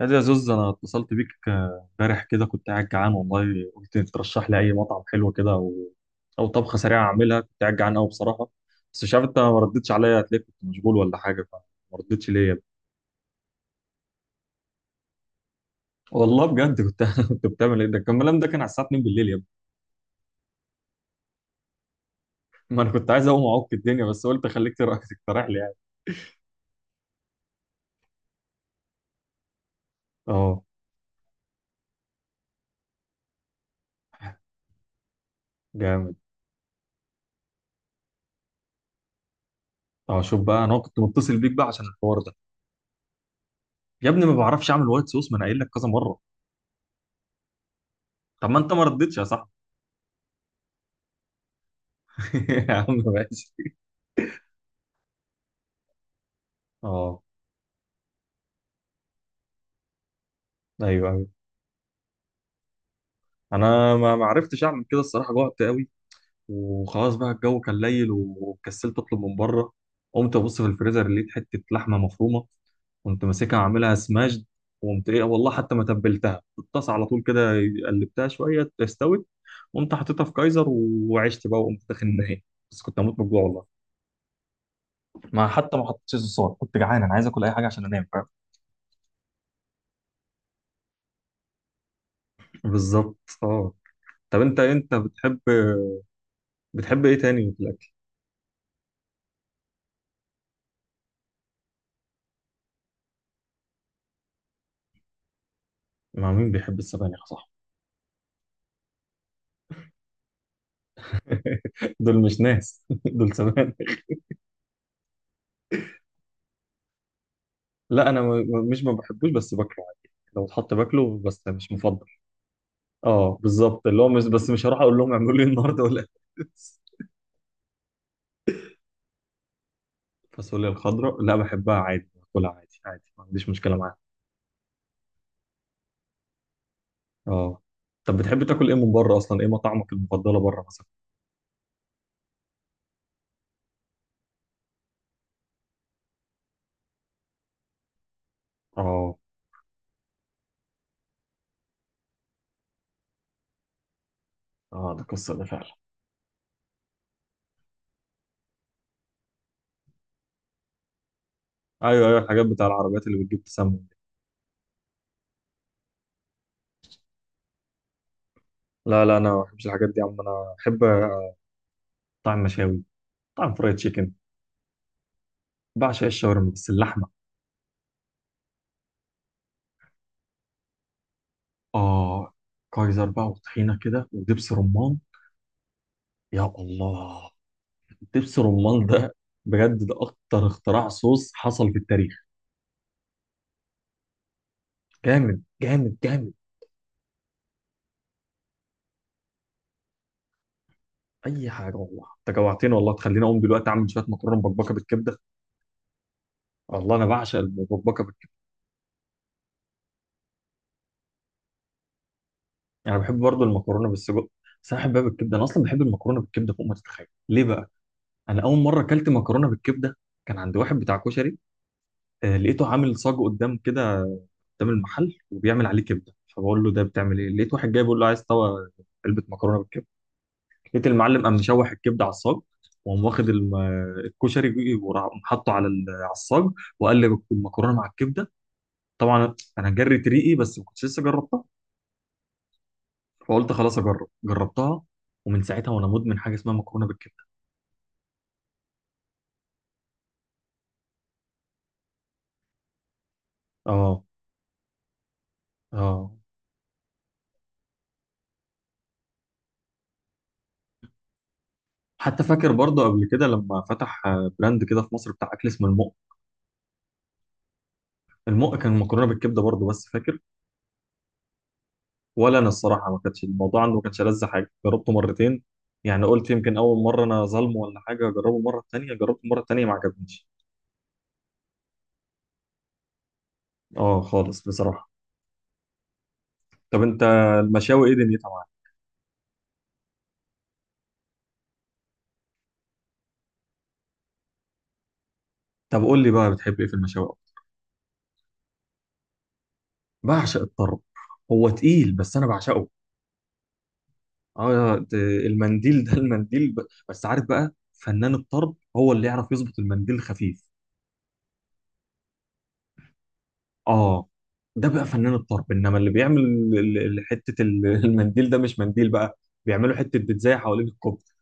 هذا يا زوز، انا اتصلت بيك امبارح كده كنت قاعد جعان والله. قلت ترشح لي اي مطعم حلو كده، او طبخه سريعه اعملها. كنت قاعد جعان قوي بصراحه، بس مش عارف انت ما ردتش عليا. هتلاقيك كنت مشغول ولا حاجه، فما ردتش ليه يا ابني؟ والله بجد كنت كنت بتعمل ايه؟ ده كان الكلام ده كان على الساعه 2 بالليل يا ابني. ما انا كنت عايز اقوم اعك الدنيا، بس قلت خليك تقترح لي يعني. اه، جامد. اه، شوف بقى، انا كنت متصل بيك بقى عشان الحوار ده يا ابني. ما بعرفش اعمل وايت صوص، ما انا قايل لك كذا مره. طب ما انت ما ردتش يا صاحبي؟ يا عم ماشي. اه، ايوه. انا ما عرفتش اعمل كده الصراحه، جوعت قوي. وخلاص بقى الجو كان ليل وكسلت اطلب من بره. قمت ابص في الفريزر، لقيت حته لحمه مفرومه كنت ماسكها عاملها سماشد. وقمت ايه والله، حتى ما تبلتها، في الطاسه على طول كده قلبتها شويه استوت. قمت حطيتها في كايزر وعشت بقى وقمت داخل النهائي. بس كنت هموت من الجوع والله. ما حتى ما حطيتش صوصات، كنت جعان انا، عايز اكل اي حاجه عشان انام، فاهم؟ بالظبط. اه. طب انت بتحب ايه تاني في الاكل؟ مع مين بيحب السبانخ؟ صح. دول مش ناس، دول سمك. لا، انا مش ما بحبوش، بس باكله عادي، لو اتحط باكله، بس مش مفضل. اه بالظبط، اللي هو مش، بس مش هروح اقول لهم اعملوا لي النهارده، ولا الفاصوليا الخضراء لا، بحبها عادي، باكلها عادي عادي، ما عنديش مشكله معاها. اه. طب بتحب تاكل ايه من بره اصلا؟ ايه مطاعمك المفضله بره مثلا؟ اه اه، ده قصه ده فعلا. ايوه ايوه، الحاجات بتاع العربيات اللي بتجيب تسمم دي. لا لا، انا ما بحبش الحاجات دي يا عم، انا بحب طعم مشاوي، طعم فرايد تشيكن. بعشق الشاورما بس اللحمه. آه، كايزر بقى وطحينة كده ودبس رمان. يا الله، دبس رمان ده، بجد ده أكتر اختراع صوص حصل في التاريخ. جامد جامد جامد. أي حاجة والله، أنت جوعتني والله، تخليني أقوم دلوقتي أعمل شوية مكرونة مبكبكة بالكبدة. الله، أنا بعشق المبكبكة بالكبدة. يعني أنا بحب برضو المكرونة بالسجق، بس أنا بحبها بالكبدة، أنا أصلا بحب المكرونة بالكبدة فوق ما تتخيل، ليه بقى؟ أنا أول مرة أكلت مكرونة بالكبدة كان عند واحد بتاع كشري. لقيته عامل صاج قدام كده، قدام المحل، وبيعمل عليه كبده. فبقول له ده بتعمل ايه؟ لقيت واحد جاي بيقول له عايز طبق، علبه مكرونه بالكبده. لقيت المعلم قام مشوح الكبده على الصاج، وقام واخد الكشري وراح حاطه على على الصاج، وقلب المكرونه مع الكبده. طبعا انا جريت ريقي، بس ما كنتش لسه جربتها، فقلت خلاص اجرب. جربتها، ومن ساعتها وانا مدمن حاجه اسمها مكرونه بالكبده. اه اه. حتى فاكر برضه قبل كده لما فتح براند كده في مصر بتاع اكل اسمه المق. المق كان مكرونه بالكبده برضه، بس فاكر ولا انا، الصراحه ما كانتش الموضوع عنده، ما كانش لذ حاجه. جربته مرتين، يعني قلت يمكن اول مره انا ظالمه ولا حاجه، اجربه مره تانية. جربته مره تانية ما عجبنيش. اه خالص بصراحه. طب انت المشاوي ايه دنيتها معاك؟ طب قول لي بقى، بتحب ايه في المشاوي أكتر؟ بعشق الطرب، هو تقيل بس انا بعشقه. اه، المنديل ده المنديل بس عارف بقى، فنان الطرب هو اللي يعرف يظبط المنديل خفيف. اه، ده بقى فنان الطرب، انما اللي بيعمل حته المنديل ده مش منديل بقى، بيعملوا حته بيتزاي حوالين الكفته.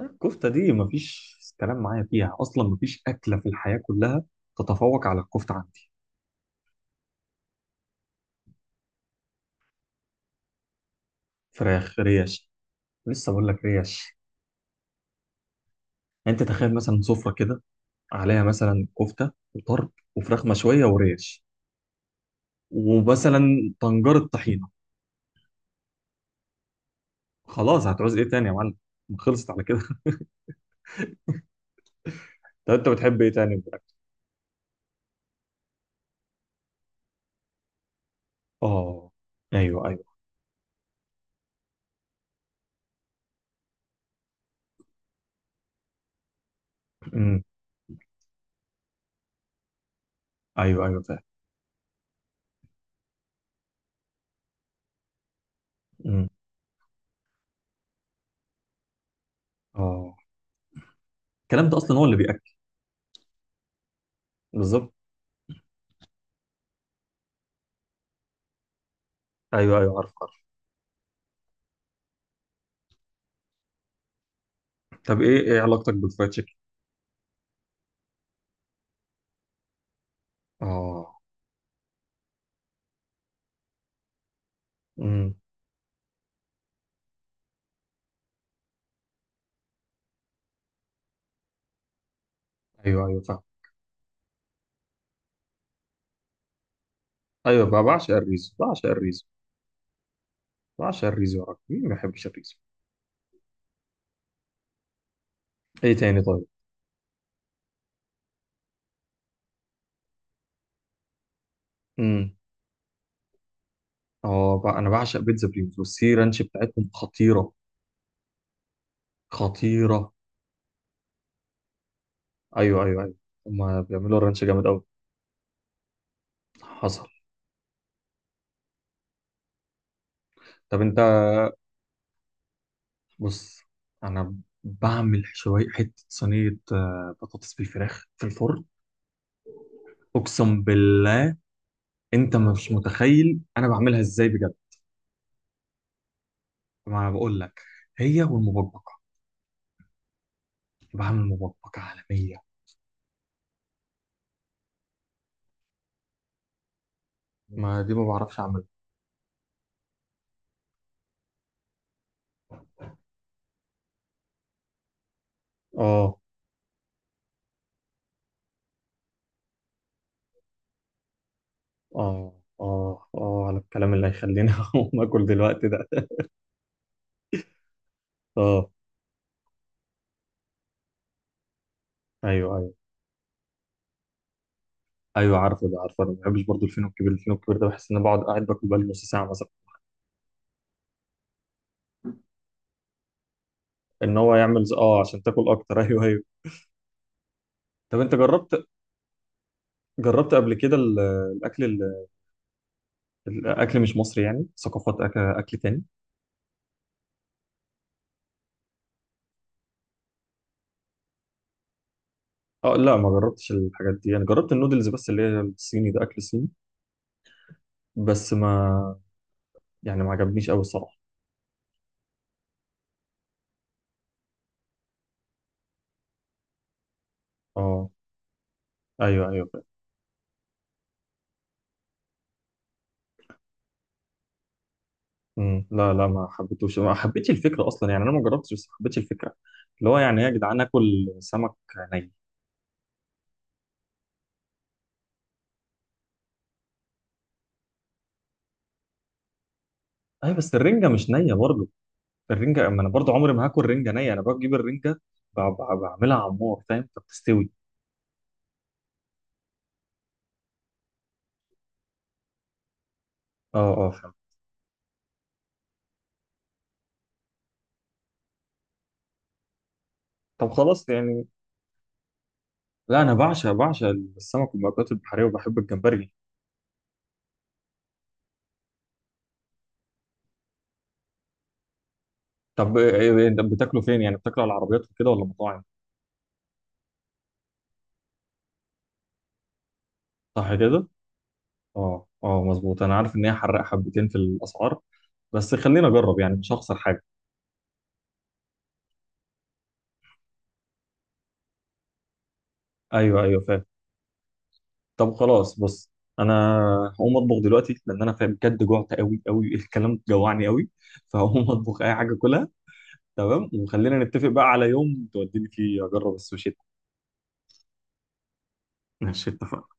الكفته دي مفيش كلام معايا فيها اصلا، مفيش اكله في الحياه كلها تتفوق على الكفته عندي. فراخ، ريش. لسه بقول لك ريش. انت تخيل مثلا سفره كده عليها مثلا كفته وطرب وفراخ مشويه وريش، ومثلا طنجره طحينه. خلاص، هتعوز ايه تاني يا معلم؟ خلصت على كده. طب انت بتحب ايه تاني في الأكل؟ اه. ايوه ايوه ايوه. ايوه فاهم. مم. اه، الكلام ده اصلا هو اللي بياكل. بالظبط. ايوه ايوه، عارف عارف. طب ايه علاقتك بالفرايد تشيكن؟ اه. امم. ايوه ايوه فاهم. ايوه بقى، بعشق الريزو، بعشق الريزو، بعشق الريزو يا راجل. مين ما يحبش الريزو؟ ايه تاني طيب؟ امم. اه بقى، انا بعشق بيتزا بريموس والسي رانش بتاعتهم خطيره. خطيره. ايوه ايوه ايوه، هما بيعملوا الرانش جامد قوي. حصل. طب انت، بص، انا بعمل شويه، حته صينيه بطاطس بالفراخ في الفرن. اقسم بالله، انت مش متخيل انا بعملها ازاي بجد. ما انا بقول لك، هي والمبكبكه، بعمل مبكبكه عالميه. ما دي ما بعرفش اعملها. اه اه اه اه، على الكلام اللي هيخليني اقوم اكل دلوقتي ده. اه، ايوه ايوه ايوه، عارفه ده، عارفه انا ما بحبش برضه الفينو الكبير. الفينو الكبير ده بحس ان انا بقعد قاعد باكل بقالي نص ساعه مثلا. ان هو يعمل عشان تاكل اكتر. ايوه ايوه. طب انت جربت قبل كده الاكل ال- الاكل مش مصري، يعني ثقافات اكل، أكل تاني؟ اه لا، ما جربتش الحاجات دي. انا جربت النودلز بس، اللي هي الصيني، ده اكل صيني بس. ما يعني ما عجبنيش قوي الصراحه. اه، ايوه ايوه فاهم. امم. لا لا، ما حبيتوش، ما حبيتش الفكره اصلا. يعني انا ما جربتش، بس ما حبيتش الفكره، اللي هو يعني إيه يا جدعان، اكل سمك ني. ايوه، بس الرنجه مش نيه برضه. الرنجه ما انا برضه عمري ما هاكل رنجه نيه. انا بجيب الرنجه بعملها على النار فاهم، فبتستوي. اه اه فاهم. طب خلاص يعني، لا انا بعشق السمك والمأكولات البحريه، وبحب الجمبري. طب إنت بتاكلوا فين يعني؟ بتاكلوا على العربيات وكده ولا مطاعم؟ صح كده. اه اه مظبوط، انا عارف ان هي حرق حبتين في الاسعار، بس خلينا اجرب يعني مش هخسر حاجه. ايوه ايوه فاهم. طب خلاص بص، انا هقوم اطبخ دلوقتي لان انا فاهم بجد جوعت قوي قوي. الكلام جوعني قوي. فهقوم اطبخ اي حاجه كلها. تمام، وخلينا نتفق بقى على يوم توديني فيه اجرب السوشي. ماشي، اتفقنا.